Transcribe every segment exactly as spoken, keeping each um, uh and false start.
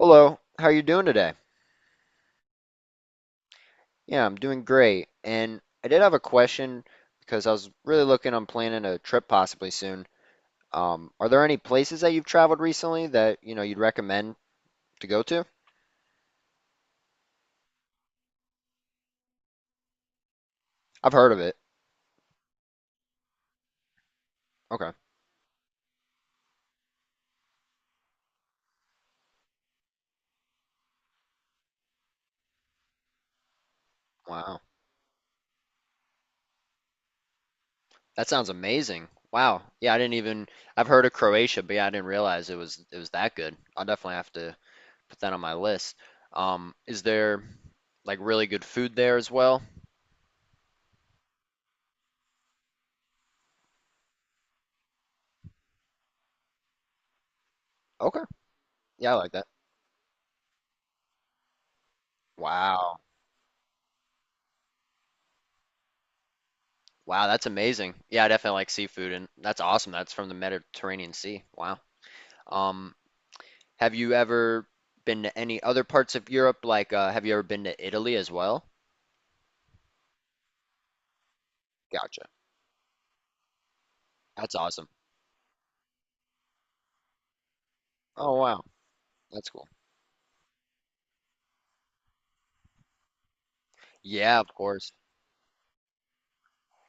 Hello, how are you doing today? Yeah, I'm doing great. And I did have a question because I was really looking on planning a trip possibly soon. Um, are there any places that you've traveled recently that, you know, you'd recommend to go to? I've heard of it. Okay. Wow. That sounds amazing. Wow. Yeah, I didn't even I've heard of Croatia, but yeah, I didn't realize it was it was that good. I'll definitely have to put that on my list. Um, is there like really good food there as well? Okay. Yeah, I like that. Wow. Wow, that's amazing. Yeah, I definitely like seafood, and that's awesome. That's from the Mediterranean Sea. Wow. Um, have you ever been to any other parts of Europe? Like, uh, have you ever been to Italy as well? Gotcha. That's awesome. Oh, wow. That's cool. Yeah, of course.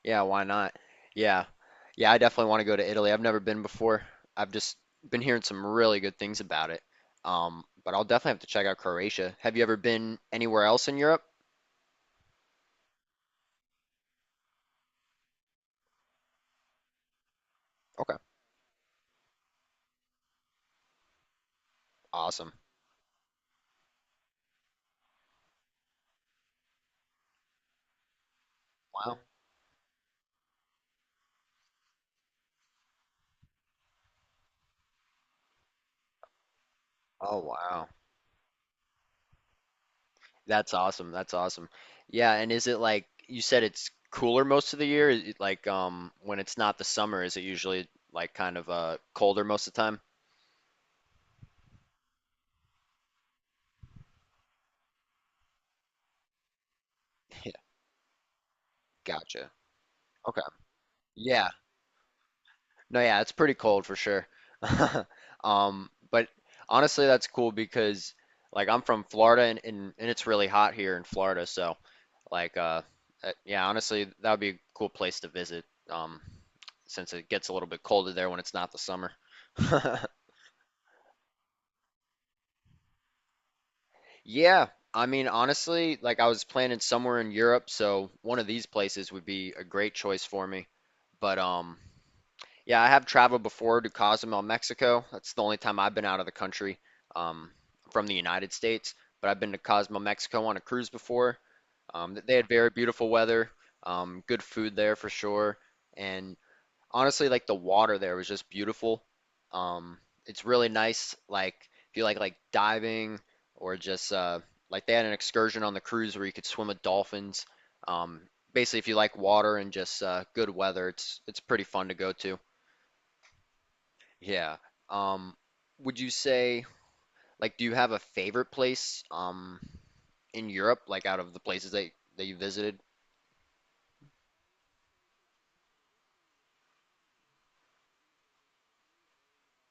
Yeah, why not? Yeah. Yeah, I definitely want to go to Italy. I've never been before. I've just been hearing some really good things about it. Um, but I'll definitely have to check out Croatia. Have you ever been anywhere else in Europe? Okay. Awesome. Wow. Oh, wow. That's awesome. That's awesome. Yeah, and is it like you said it's cooler most of the year? Is it, Like um when it's not the summer, is it usually like kind of uh colder most of the time? Yeah, gotcha. Okay. Yeah. No, yeah, it's pretty cold for sure. Um, but honestly that's cool because like I'm from Florida and, and, and it's really hot here in Florida, so like uh uh, yeah, honestly that would be a cool place to visit um since it gets a little bit colder there when it's not the summer. Yeah, I mean, honestly, like I was planning somewhere in Europe, so one of these places would be a great choice for me. But um, yeah, I have traveled before to Cozumel, Mexico. That's the only time I've been out of the country, um, from the United States. But I've been to Cozumel, Mexico on a cruise before. Um, th- they had very beautiful weather, um, good food there for sure, and honestly like the water there was just beautiful. Um, it's really nice. Like if you like like diving or just uh, like they had an excursion on the cruise where you could swim with dolphins. Um, Basically, if you like water and just uh, good weather, it's it's pretty fun to go to. Yeah. Um, would you say like do you have a favorite place um in Europe like out of the places that that you visited?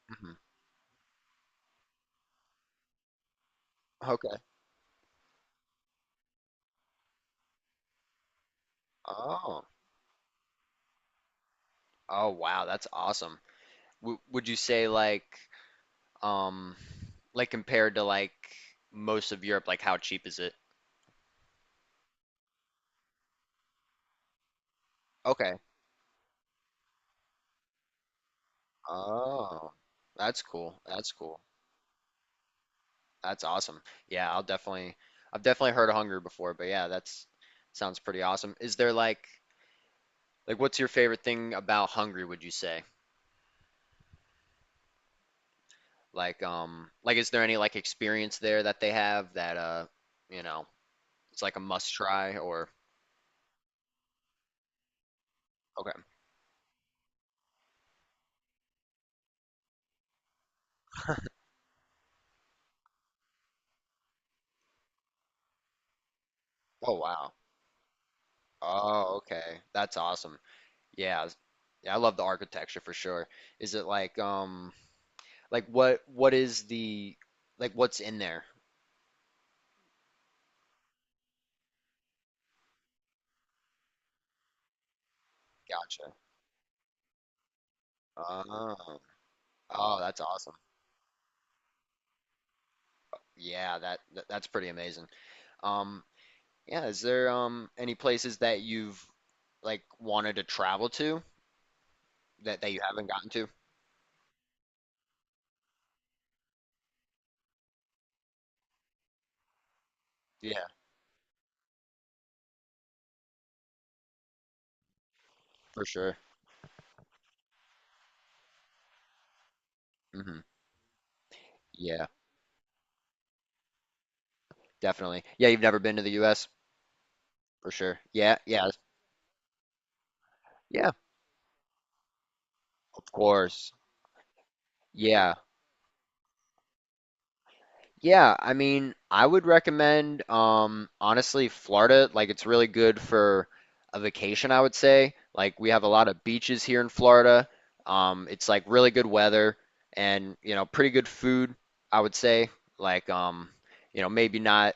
hmm Okay. Oh. Oh wow, that's awesome. W Would you say like um Like compared to like most of Europe, like how cheap is it? Okay. Oh, that's cool. That's cool. That's awesome. Yeah, I'll definitely I've definitely heard of Hungary before, but yeah, that's sounds pretty awesome. Is there like like what's your favorite thing about Hungary, would you say? Like um like is there any like experience there that they have that uh you know, it's like a must try or okay. Oh wow. Oh, okay. That's awesome. Yeah. Yeah, I love the architecture for sure. Is it like um Like what what is the like what's in there? Gotcha. Oh, oh, that's awesome. Yeah, that, that that's pretty amazing. Um, yeah, is there um any places that you've like wanted to travel to that that you haven't gotten to? Yeah, for sure. hmm Yeah, definitely. Yeah, you've never been to the U S? For sure. Yeah, yeah, yeah, of course. Yeah. Yeah, I mean, I would recommend, um, honestly, Florida. Like, it's really good for a vacation, I would say. Like, we have a lot of beaches here in Florida. Um, it's like really good weather and, you know, pretty good food, I would say. Like, um, you know, maybe not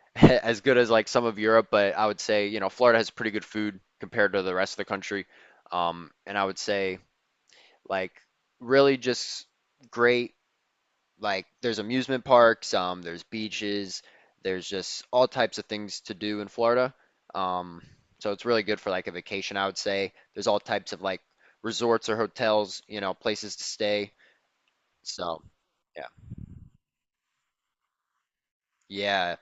as good as like some of Europe, but I would say, you know, Florida has pretty good food compared to the rest of the country. Um, and I would say, like, really just great like there's amusement parks, um, there's beaches, there's just all types of things to do in Florida. Um, so it's really good for like a vacation, I would say. There's all types of like resorts or hotels, you know, places to stay. So yeah, yeah,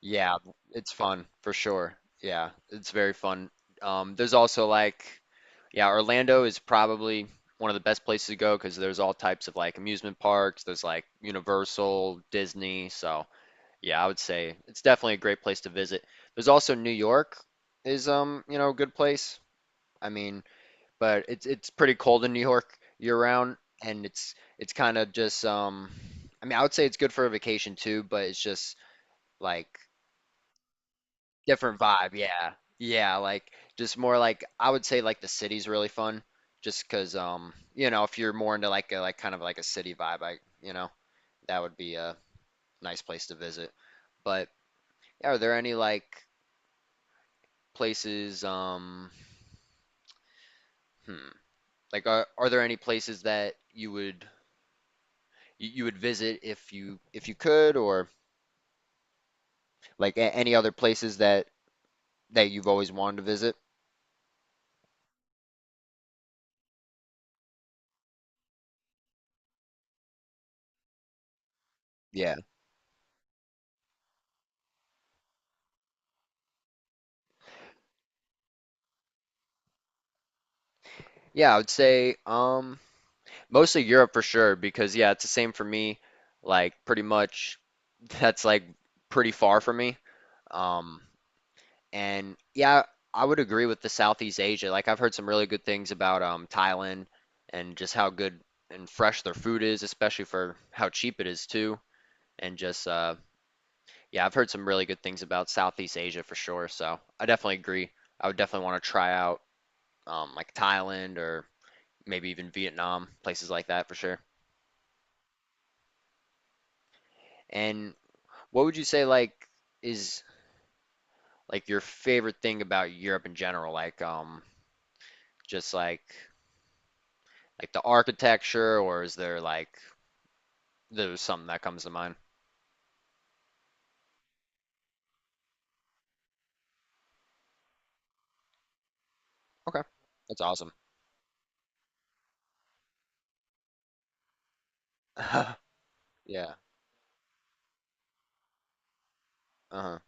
yeah, it's fun for sure. Yeah, it's very fun. Um, there's also like, yeah, Orlando is probably one of the best places to go because there's all types of like amusement parks, there's like Universal, Disney, so. Yeah, I would say it's definitely a great place to visit. There's also New York is um, you know, a good place. I mean, but it's it's pretty cold in New York year round and it's it's kind of just um I mean, I would say it's good for a vacation too, but it's just like different vibe. Yeah. Yeah, like just more like I would say like the city's really fun just 'cause um, you know, if you're more into like a like kind of like a city vibe, I, you know, that would be a nice place to visit. But yeah, are there any like places um hmm, like are, are there any places that you would you would visit if you if you could or like a- any other places that that you've always wanted to visit? Yeah. Yeah, I would say um mostly Europe for sure because yeah, it's the same for me. Like pretty much that's like pretty far from me. Um And yeah, I would agree with the Southeast Asia. Like I've heard some really good things about um Thailand and just how good and fresh their food is, especially for how cheap it is too. And just uh yeah, I've heard some really good things about Southeast Asia for sure. So I definitely agree. I would definitely want to try out um like Thailand or maybe even Vietnam, places like that for sure. And what would you say like is like your favorite thing about Europe in general? Like um just like like the architecture, or is there like there's something that comes to mind? Okay, that's awesome. Yeah. Uh-huh.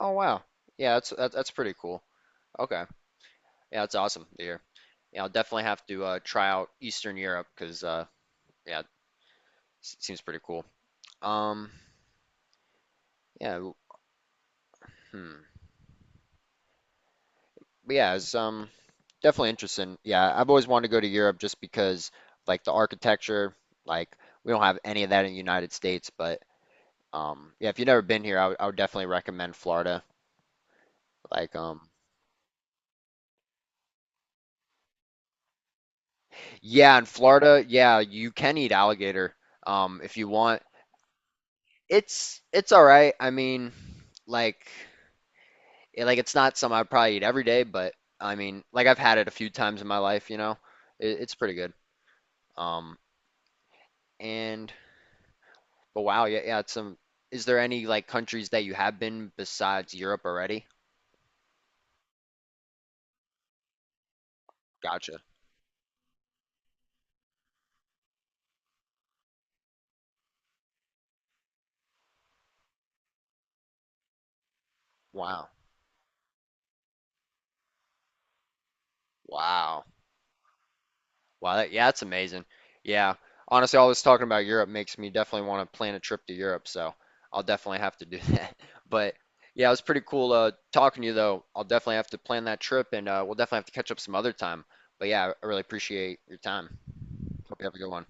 Oh wow. Yeah, that's that, that's pretty cool. Okay. Yeah, that's awesome to hear. Yeah, I'll definitely have to uh, try out Eastern Europe because uh, yeah, it s- seems pretty cool. Um, yeah. w- Hmm. But yeah, it's um definitely interesting. Yeah, I've always wanted to go to Europe just because like the architecture, like we don't have any of that in the United States. But um, yeah, if you've never been here, I would I would definitely recommend Florida. Like, um, yeah, in Florida, yeah, you can eat alligator, um, if you want. It's it's all right. I mean, like, it, like it's not something I'd probably eat every day, but I mean, like I've had it a few times in my life, you know. It, it's pretty good. Um, and but wow, yeah, yeah, it's some. Is there any like countries that you have been besides Europe already? Gotcha. Wow. Wow. Wow, that, yeah, that's amazing. Yeah. Honestly, all this talking about Europe makes me definitely want to plan a trip to Europe, so I'll definitely have to do that. But yeah, it was pretty cool uh, talking to you, though. I'll definitely have to plan that trip, and uh, we'll definitely have to catch up some other time. But yeah, I really appreciate your time. Hope you have a good one.